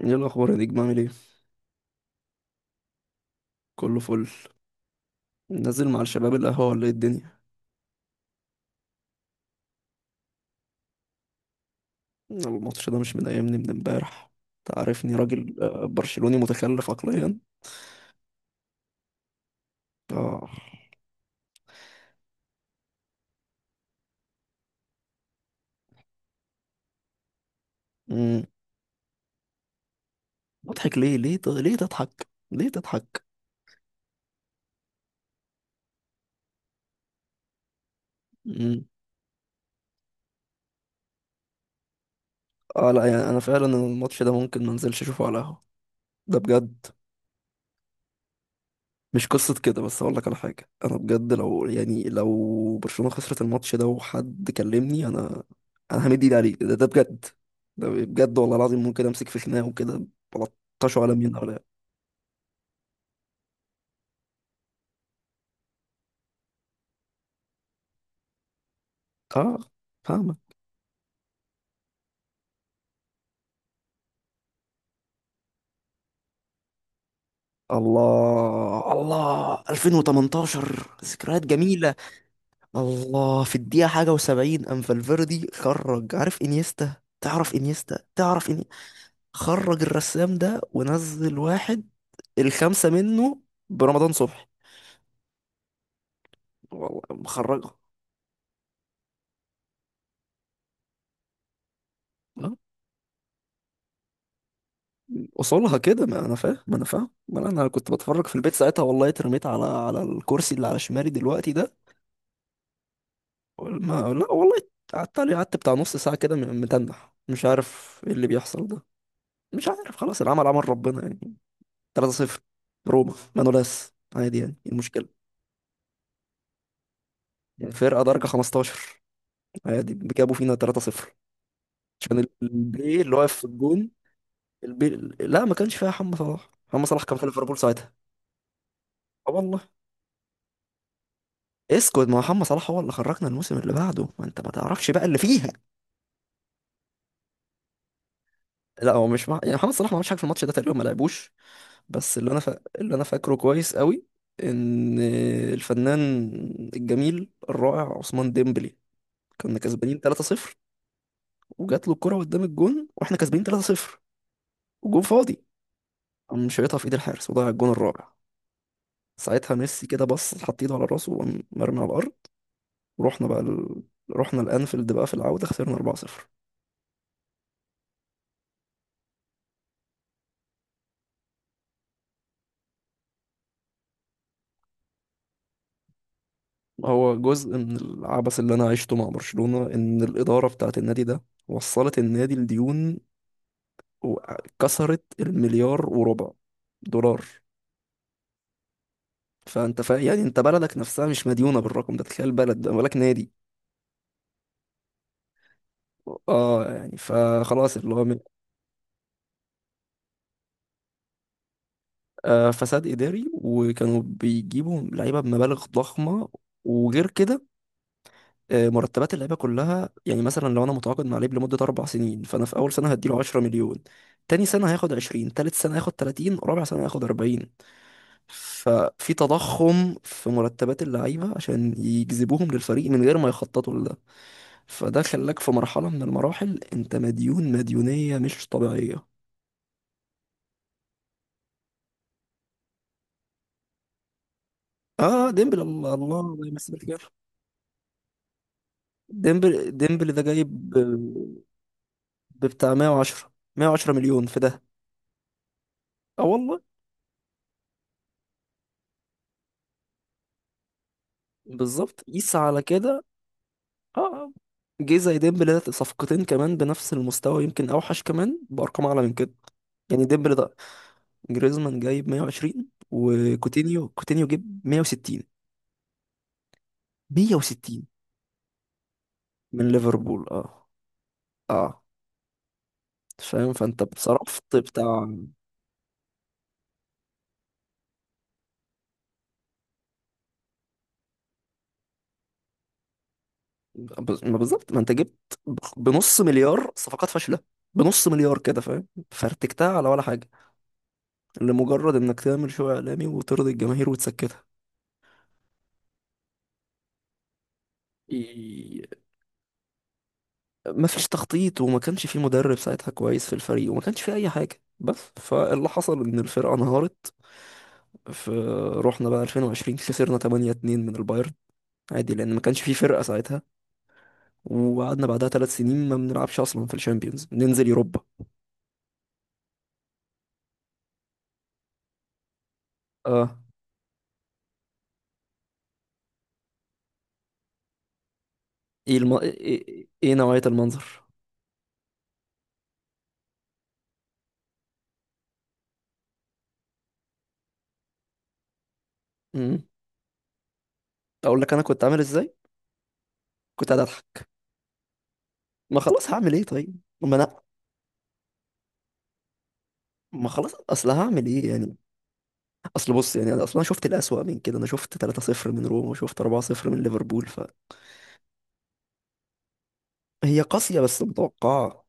ايه الاخبار يا نجم؟ عامل ايه؟ كله فل. نازل مع الشباب القهوه ولا ايه الدنيا؟ الماتش ده مش مضايقني من امبارح. تعرفني راجل، برشلوني متخلف عقليا. اه. امم. مضحك ليه؟ ليه تضحك؟ ليه تضحك؟ امم. اه لا، يعني انا فعلا الماتش ده ممكن ما انزلش اشوفه على القهوه، ده بجد. مش قصة كده، بس أقول لك على حاجة، أنا بجد لو يعني لو برشلونة خسرت الماتش ده وحد كلمني أنا، أنا همد إيدي عليه، ده بجد. ده بجد والله العظيم، ممكن أمسك في خناقة وكده. بلطشه على مين ولا. آه. فاهمة. الله الله، 2018، ذكريات جميلة. الله، في الدقيقة حاجة و70 أم فالفيردي خرج، عارف إنيستا؟ تعرف إنيستا؟ تعرف إني خرج الرسام ده ونزل واحد، الخمسة منه، برمضان صبحي. والله مخرجة. لا، اصولها كده، ما انا فاهم ما انا فاهم ما انا أنا كنت بتفرج في البيت ساعتها والله، اترميت على الكرسي اللي على شمالي دلوقتي ده. ما لا والله. قعدت عليه، قعدت بتاع نص ساعة كده، متنح، مش عارف ايه اللي بيحصل ده. مش عارف، خلاص، العمل عمل ربنا يعني. 3-0 روما مانولاس، عادي، يعني إيه المشكلة؟ يعني؟ فرقة درجة 15، عادي جابوا فينا 3-0 عشان البي اللي واقف في الجون، البي. لا، ما كانش فيها محمد صلاح، محمد صلاح كان في ليفربول ساعتها. اه والله. اسكت، ما محمد صلاح هو اللي خرجنا الموسم اللي بعده، ما انت ما تعرفش بقى اللي فيها. لا، هو مش مع... يعني محمد صلاح ما عملش حاجه في الماتش ده تقريبا، ما لعبوش. بس اللي انا ف... اللي انا فاكره كويس قوي ان الفنان الجميل الرائع عثمان ديمبلي، كنا كسبانين 3-0 وجات له الكره قدام الجون واحنا كسبانين 3-0 والجون فاضي، قام شايطها في ايد الحارس وضيع الجون الرابع. ساعتها ميسي كده بص، حط ايده على راسه وقام مرمي على الارض. ورحنا بقى ال... رحنا الانفيلد بقى في العوده، خسرنا 4-0. هو جزء من العبث اللي انا عشته مع برشلونة، ان الإدارة بتاعت النادي ده وصلت النادي لديون، وكسرت المليار وربع دولار. فانت يعني انت بلدك نفسها مش مديونة بالرقم ده، تخيل بلد ده بالك نادي. اه، يعني فخلاص، آه فساد إداري، وكانوا بيجيبوا لعيبة بمبالغ ضخمة، وغير كده مرتبات اللعيبه كلها، يعني مثلا لو انا متعاقد مع لعيب لمده اربع سنين، فانا في اول سنه هديله 10 مليون، تاني سنه هياخد 20، تالت سنه هياخد 30، رابع سنه هياخد 40. ففي تضخم في مرتبات اللعيبه عشان يجذبوهم للفريق من غير ما يخططوا لده، فده خلاك في مرحله من المراحل انت مديون مديونيه مش طبيعيه. اه، ديمبل، الله الله الله يمسيه بالخير. ديمبل ده جايب ببتاع 110 مليون في ده. اه والله. بالظبط قيس على كده. اه. آه. جيزة ديمبلي ده صفقتين كمان بنفس المستوى، يمكن اوحش كمان بارقام اعلى من كده. يعني ديمبلي ده، جريزمان جايب 120، وكوتينيو، كوتينيو جاب 160. 160. من ليفربول. اه. اه فاهم، فانت صرفت بتاع بز- ما بالظبط، ما انت جبت بنص مليار صفقات فاشلة، بنص مليار كده، فاهم، فرتكتها على ولا حاجة لمجرد انك تعمل شو اعلامي وترضي الجماهير وتسكتها. ما فيش تخطيط، وما كانش في مدرب ساعتها كويس في الفريق، وما كانش في اي حاجه، بس فاللي حصل ان الفرقه انهارت في. رحنا بقى 2020 خسرنا 8-2 من البايرن، عادي لان ما كانش في فرقه ساعتها، وقعدنا بعدها ثلاث سنين ما بنلعبش اصلا في الشامبيونز، ننزل يوروبا. اه. ايه الم... ايه, إيه إيه نوعيه المنظر؟ امم. اقول لك انا كنت عامل ازاي؟ كنت قاعد اضحك. ما خلاص هعمل ايه طيب، ما انا. ما خلاص، اصل هعمل ايه يعني؟ اصل بص، يعني انا اصلا شفت الأسوأ من كده، انا شفت 3-0 من روما وشفت 4-0 من ليفربول، فهي قاسية بس متوقعة.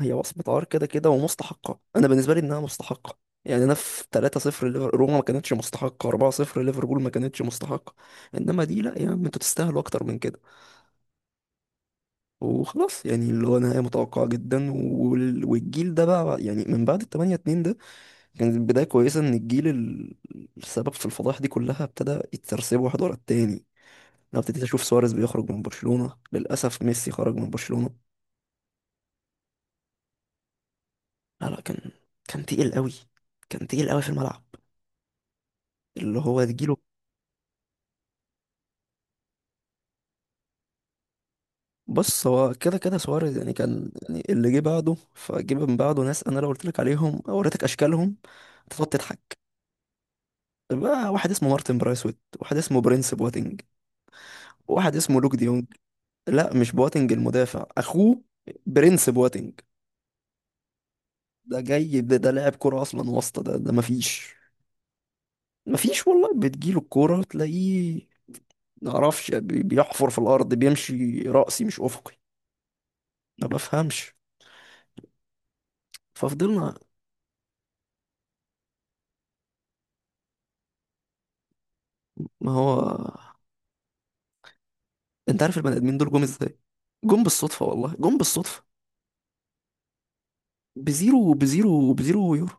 هي وصمة عار كده كده ومستحقة، انا بالنسبة لي انها مستحقة. يعني انا في 3-0 روما ما كانتش مستحقة، 4-0 ليفربول ما كانتش مستحقة، انما دي لا يا عم، انتوا تستاهلوا اكتر من كده. وخلاص يعني اللي هو نهاية متوقعة جدا، والجيل ده بقى، يعني من بعد ال 8-2 ده كانت بداية كويسة، ان الجيل السبب في الفضائح دي كلها ابتدى يترسبوا واحد ورا التاني. لو ابتديت اشوف سواريز بيخرج من برشلونة، للاسف ميسي خرج من برشلونة. لا كان، كان تقيل قوي، كان تقيل قوي في الملعب، اللي هو تجيله. بص، هو كده كده سواريز يعني كان، يعني اللي جه بعده، فجه من بعده ناس انا لو قلت لك عليهم او وريتك اشكالهم هتقعد تضحك. بقى واحد اسمه مارتن برايسويت، واحد اسمه برنس بواتينج، واحد اسمه لوك ديونج. لا مش بواتينج المدافع، اخوه، برنس بواتينج. ده لاعب كرة، اصلا واسطة ده، ده مفيش، مفيش والله. بتجيله الكورة تلاقيه ما اعرفش، بيحفر في الارض، بيمشي راسي مش افقي. ما بفهمش. ففضلنا. ما هو انت عارف البني ادمين دول جم ازاي؟ جم بالصدفه والله، جم بالصدفه. بزيرو بزيرو يورو.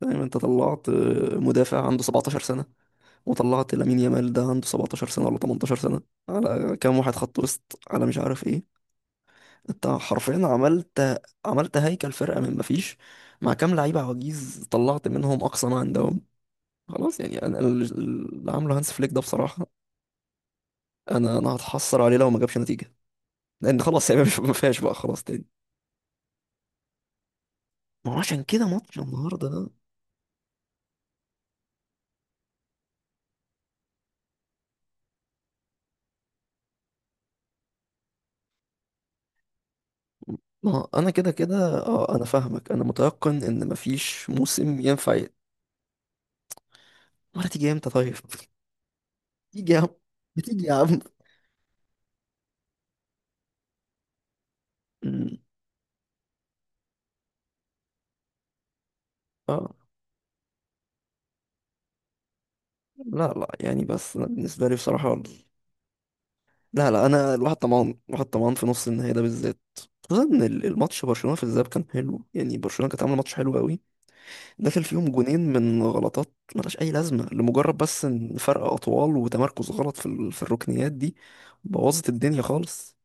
فاهم، انت طلعت مدافع عنده 17 سنه، وطلعت لامين يامال ده عنده 17 سنه ولا 18 سنه، على كام واحد خط وسط، على مش عارف ايه. انت حرفيا عملت هيكل فرقه من مفيش، مع كام لعيبه عواجيز طلعت منهم اقصى ما عندهم. خلاص يعني اللي عامله هانس فليك ده بصراحه، انا هتحسر عليه لو ما جابش نتيجه، لان خلاص يعني ما فيهاش بقى خلاص تاني. ما هو عشان كده ماتش النهارده ده. ما هو انا كده كده. اه انا فاهمك، انا متيقن ان ما فيش موسم ينفع ي-. ولا تيجي امتى طيب. تيجي يا عم، بتيجي يا عم. أمم. اه لا لا يعني، بس أنا بالنسبه لي بصراحه، لا لا انا الواحد طمعان، الواحد طمعان في نص النهائي ده بالذات، خصوصا ان الماتش برشلونه في الذهاب كان حلو، يعني برشلونه كانت عامله ماتش حلو قوي، داخل فيهم جونين من غلطات ملهاش أي لازمة، لمجرد بس إن فرق أطوال وتمركز غلط في الركنيات دي، بوظت الدنيا خالص.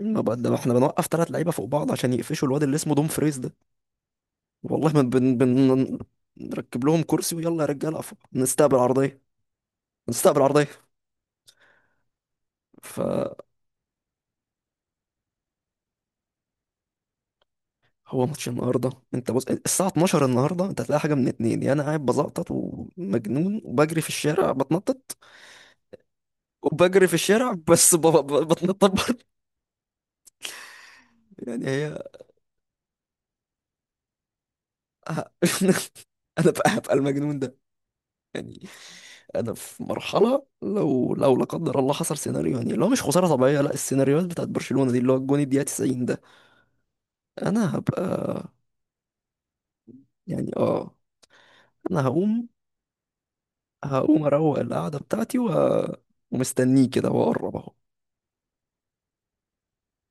ما بقى ده احنا بنوقف تلات لعيبة فوق بعض عشان يقفشوا الواد اللي اسمه دوم فريز ده. والله ما بن... بن... نركب لهم كرسي ويلا يا رجالة أقفوا نستقبل عرضية، نستقبل عرضية. فهو ماتش النهارده، انت بص الساعة 12 النهارده، انت هتلاقي حاجة من اتنين، يا انا قاعد بزقطط ومجنون وبجري في الشارع بتنطط، وبجري في الشارع بس ب- ب- بتنطط برضه. يعني هي ه- انا بقى هبقى المجنون ده. انا في مرحله لو لا قدر الله حصل سيناريو، يعني اللي هو مش خساره طبيعيه لا، السيناريوهات بتاعت برشلونه دي اللي هو الجون الدقيقه 90 ده، انا هبقى، يعني اه. انا هقوم، هقوم اروق القعده بتاعتي و... ومستنيه كده واقرب اهو.